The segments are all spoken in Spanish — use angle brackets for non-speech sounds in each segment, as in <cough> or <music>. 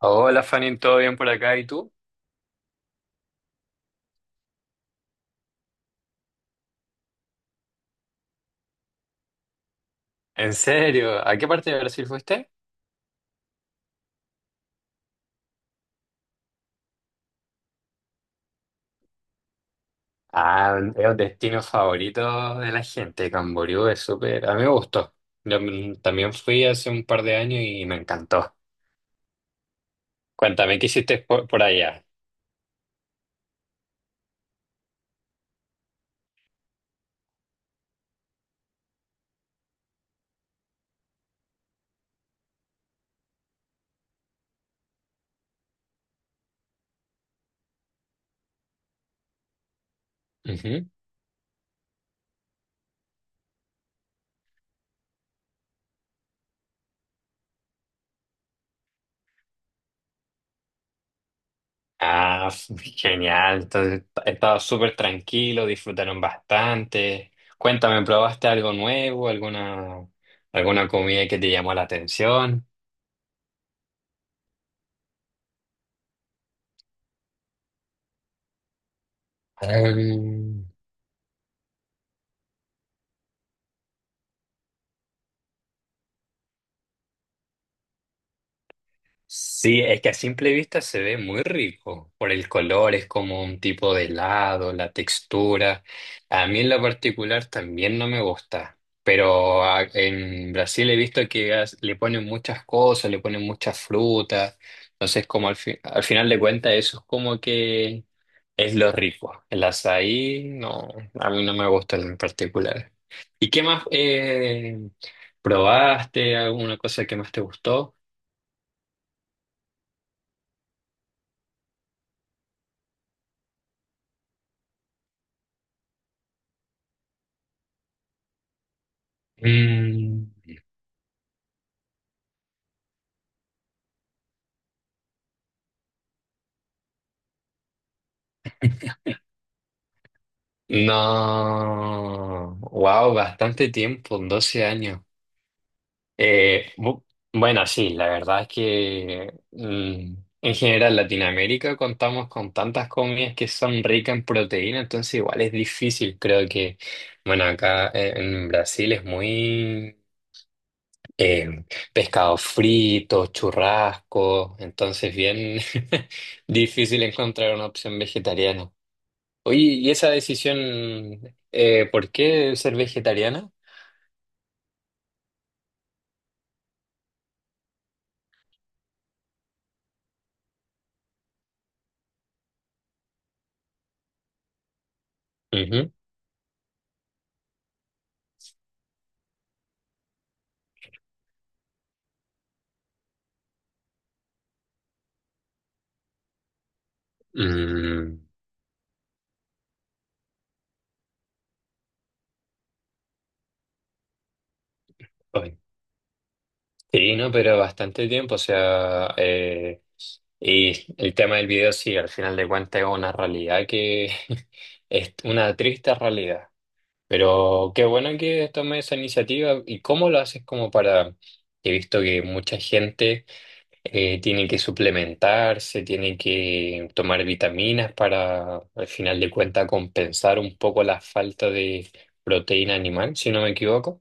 Hola Fanny, ¿todo bien por acá? ¿Y tú? ¿En serio? ¿A qué parte de Brasil fuiste? Ah, es un destino favorito de la gente. Camboriú es súper... A mí me gustó. Yo también fui hace un par de años y me encantó. Cuéntame, ¿qué hiciste por allá? Ujú. Ah, <laughs> genial. Entonces, estaba súper tranquilo, disfrutaron bastante. Cuéntame, ¿probaste algo nuevo? ¿Alguna comida que te llamó la atención? Sí, es que a simple vista se ve muy rico por el color, es como un tipo de helado, la textura. A mí en lo particular también no me gusta, pero en Brasil he visto que le ponen muchas cosas, le ponen muchas frutas, entonces al final de cuentas eso es como que es lo rico. El azaí no, a mí no me gusta en particular. ¿Y qué más probaste? ¿Alguna cosa que más te gustó? Mm. No, wow, bastante tiempo, 12 años. Eh, bu- bueno, sí, la verdad es que en general Latinoamérica contamos con tantas comidas que son ricas en proteína, entonces igual es difícil. Creo que, bueno, acá en Brasil es muy eh, pescado frito, churrasco, entonces bien <laughs> difícil encontrar una opción vegetariana. Oye, ¿y esa decisión, por qué ser vegetariana? Ujú. Mm, oye. Sí, no, pero bastante tiempo, o sea, y el tema del video sí, al final de cuentas es una realidad que <laughs> es una triste realidad, pero qué bueno que tomes esa iniciativa y cómo lo haces como para, he visto que mucha gente... tienen que suplementarse, tienen que tomar vitaminas para, al final de cuentas, compensar un poco la falta de proteína animal, si no me equivoco.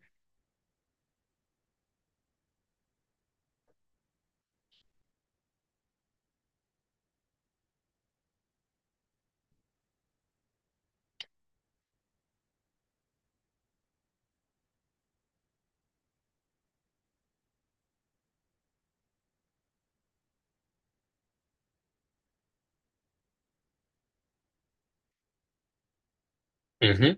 Ujú,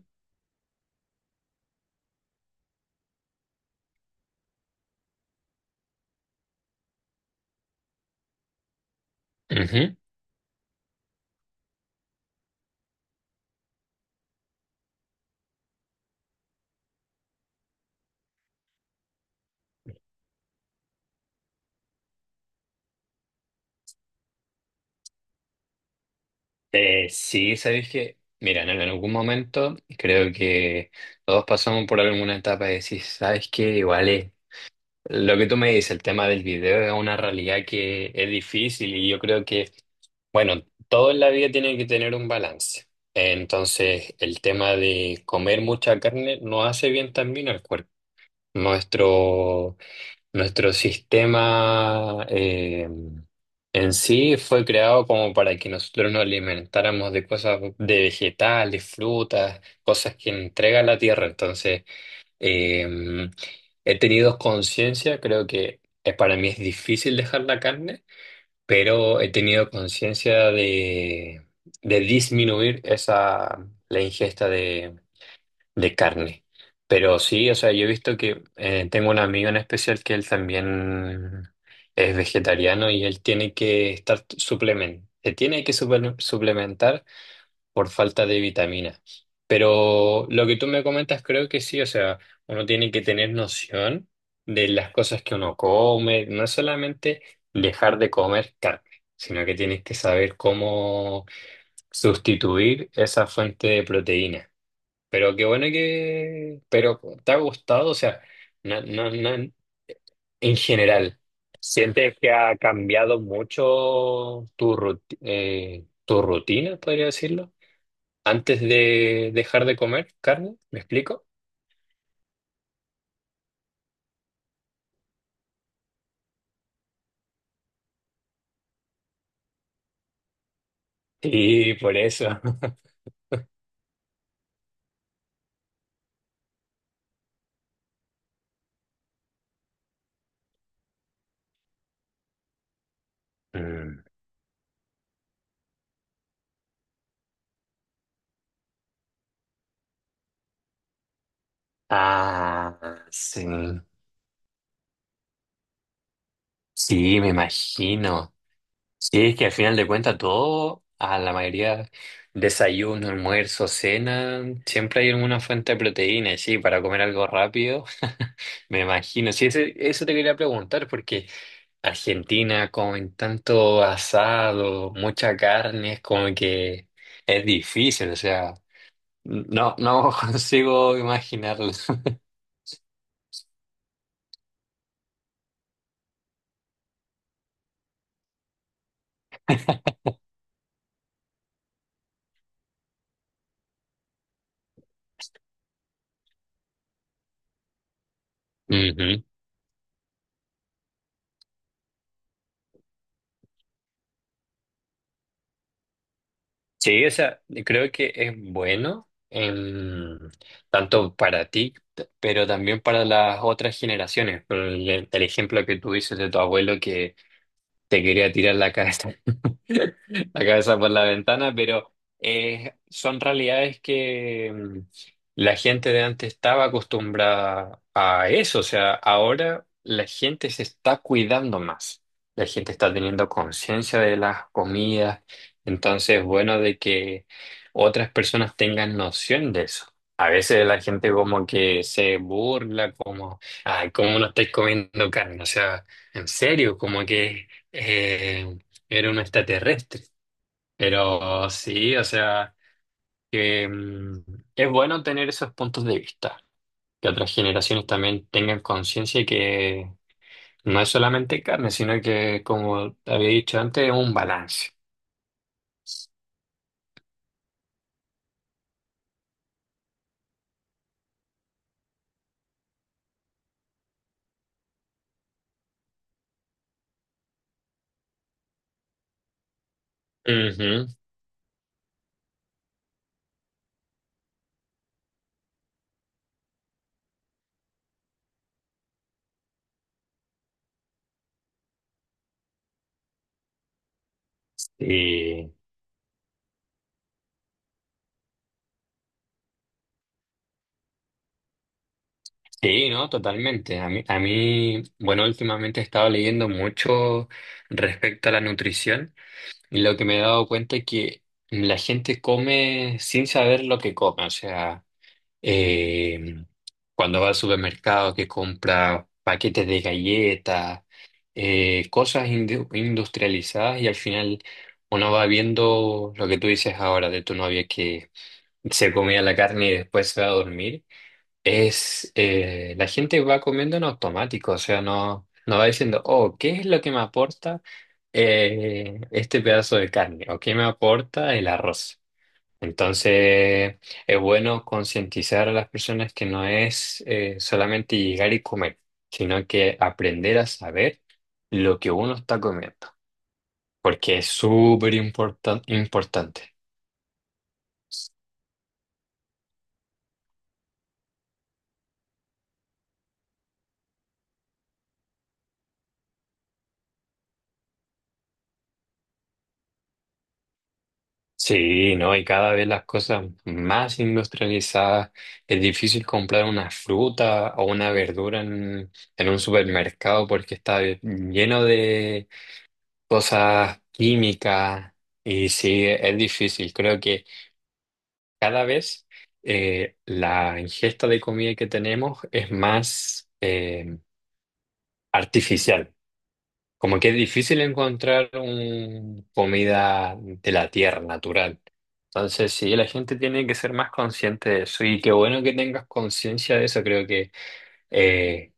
ujú. Sí, sabéis que, mira, en algún momento creo que todos pasamos por alguna etapa de decir, sabes que igual es lo que tú me dices, el tema del video es una realidad que es difícil y yo creo que bueno, todo en la vida tiene que tener un balance. Entonces, el tema de comer mucha carne no hace bien también al cuerpo. Nuestro, nuestro sistema en sí fue creado como para que nosotros nos alimentáramos de cosas, de vegetales, frutas, cosas que entrega la tierra. Entonces, eh, he tenido conciencia, creo que para mí es difícil dejar la carne pero he tenido conciencia de disminuir esa, la ingesta de carne. Pero sí, o sea, yo he visto que tengo un amigo en especial que él también es vegetariano y él tiene que estar suplementando. Se tiene que suplementar por falta de vitaminas. Pero lo que tú me comentas creo que sí, o sea, uno tiene que tener noción de las cosas que uno come, no es solamente dejar de comer carne, sino que tienes que saber cómo sustituir esa fuente de proteína. Pero qué bueno que, pero ¿te ha gustado? O sea, no, no, no, en general, ¿sientes que ha cambiado mucho tu tu rutina, podría decirlo? Antes de dejar de comer carne, ¿me explico? Sí, por eso. <laughs> Mm. Ah, sí. Sí, me imagino. Sí, es que al final de cuentas todo, a la mayoría, desayuno, almuerzo, cena, siempre hay alguna fuente de proteína, y sí, para comer algo rápido, <laughs> me imagino. Sí, eso te quería preguntar, porque Argentina comen tanto asado, mucha carne, es como que es difícil, o sea. No, no <laughs> consigo imaginarlo. Ujú. Sí, o sea, creo que es bueno tanto para ti, pero también para las otras generaciones. El ejemplo que tú dices de tu abuelo que te quería tirar la cabeza, <laughs> la cabeza por la ventana, pero son realidades que la gente de antes estaba acostumbrada a eso. O sea, ahora la gente se está cuidando más. La gente está teniendo conciencia de las comidas. Entonces, bueno, de que otras personas tengan noción de eso. A veces la gente como que se burla, como, ay, ¿cómo no estáis comiendo carne? O sea, en serio, como que... Eh, era un extraterrestre. Pero sí, o sea, que es bueno tener esos puntos de vista, que otras generaciones también tengan conciencia que no es solamente carne, sino que, como te había dicho antes, es un balance. Ujú. Y sí, no, totalmente. A mí, bueno, últimamente he estado leyendo mucho respecto a la nutrición y lo que me he dado cuenta es que la gente come sin saber lo que come. O sea, eh, cuando va al supermercado que compra paquetes de galletas, cosas industrializadas y al final uno va viendo lo que tú dices ahora de tu novia que se comía la carne y después se va a dormir. Es, la gente va comiendo en automático, o sea, no, no va diciendo, oh, ¿qué es lo que me aporta este pedazo de carne? ¿O qué me aporta el arroz? Entonces, es bueno concientizar a las personas que no es solamente llegar y comer, sino que aprender a saber lo que uno está comiendo, porque es súper importante. Sí, ¿no? Y cada vez las cosas más industrializadas, es difícil comprar una fruta o una verdura en un supermercado porque está lleno de cosas químicas y sí, es difícil. Creo que... cada vez la ingesta de comida que tenemos es más artificial. Como que es difícil encontrar comida de la tierra, natural. Entonces, sí, la gente tiene que ser más consciente de eso. Y qué bueno que tengas conciencia de eso. Creo que eh,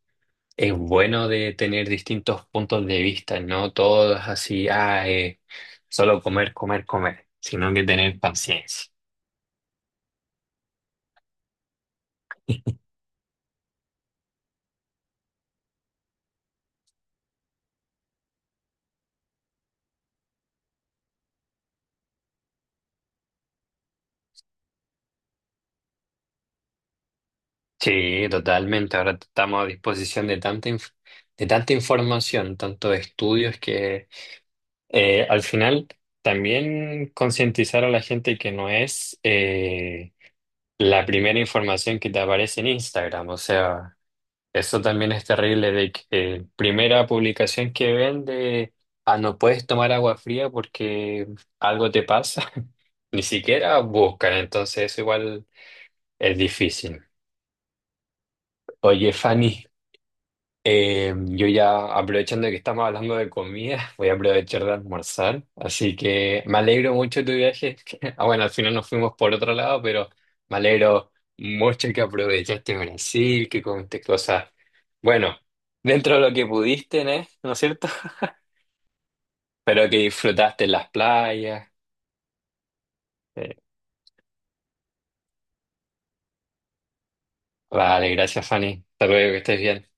es bueno de tener distintos puntos de vista, no todos así, ah, solo comer, comer, comer, sino que tener paciencia. Sí, totalmente. Ahora estamos a disposición de tanta, de tanta información, tanto de estudios que al final también concientizar a la gente que no es la primera información que te aparece en Instagram. O sea, eso también es terrible de que primera publicación que ven de, ah, no puedes tomar agua fría porque algo te pasa. <laughs> Ni siquiera buscan, entonces eso igual es difícil. Oye, Fanny. Yo ya aprovechando que estamos hablando de comida, <laughs> voy a aprovechar de almorzar, así que me alegro mucho de tu viaje. <laughs> Ah, bueno, al final nos fuimos por otro lado, pero me alegro mucho que aprovechaste Brasil, que comiste cosas, bueno, dentro de lo que pudiste, ¿eh? ¿No es cierto? <laughs> Pero que disfrutaste las playas. Eh, vale, gracias Fanny. Hasta luego, que estés bien.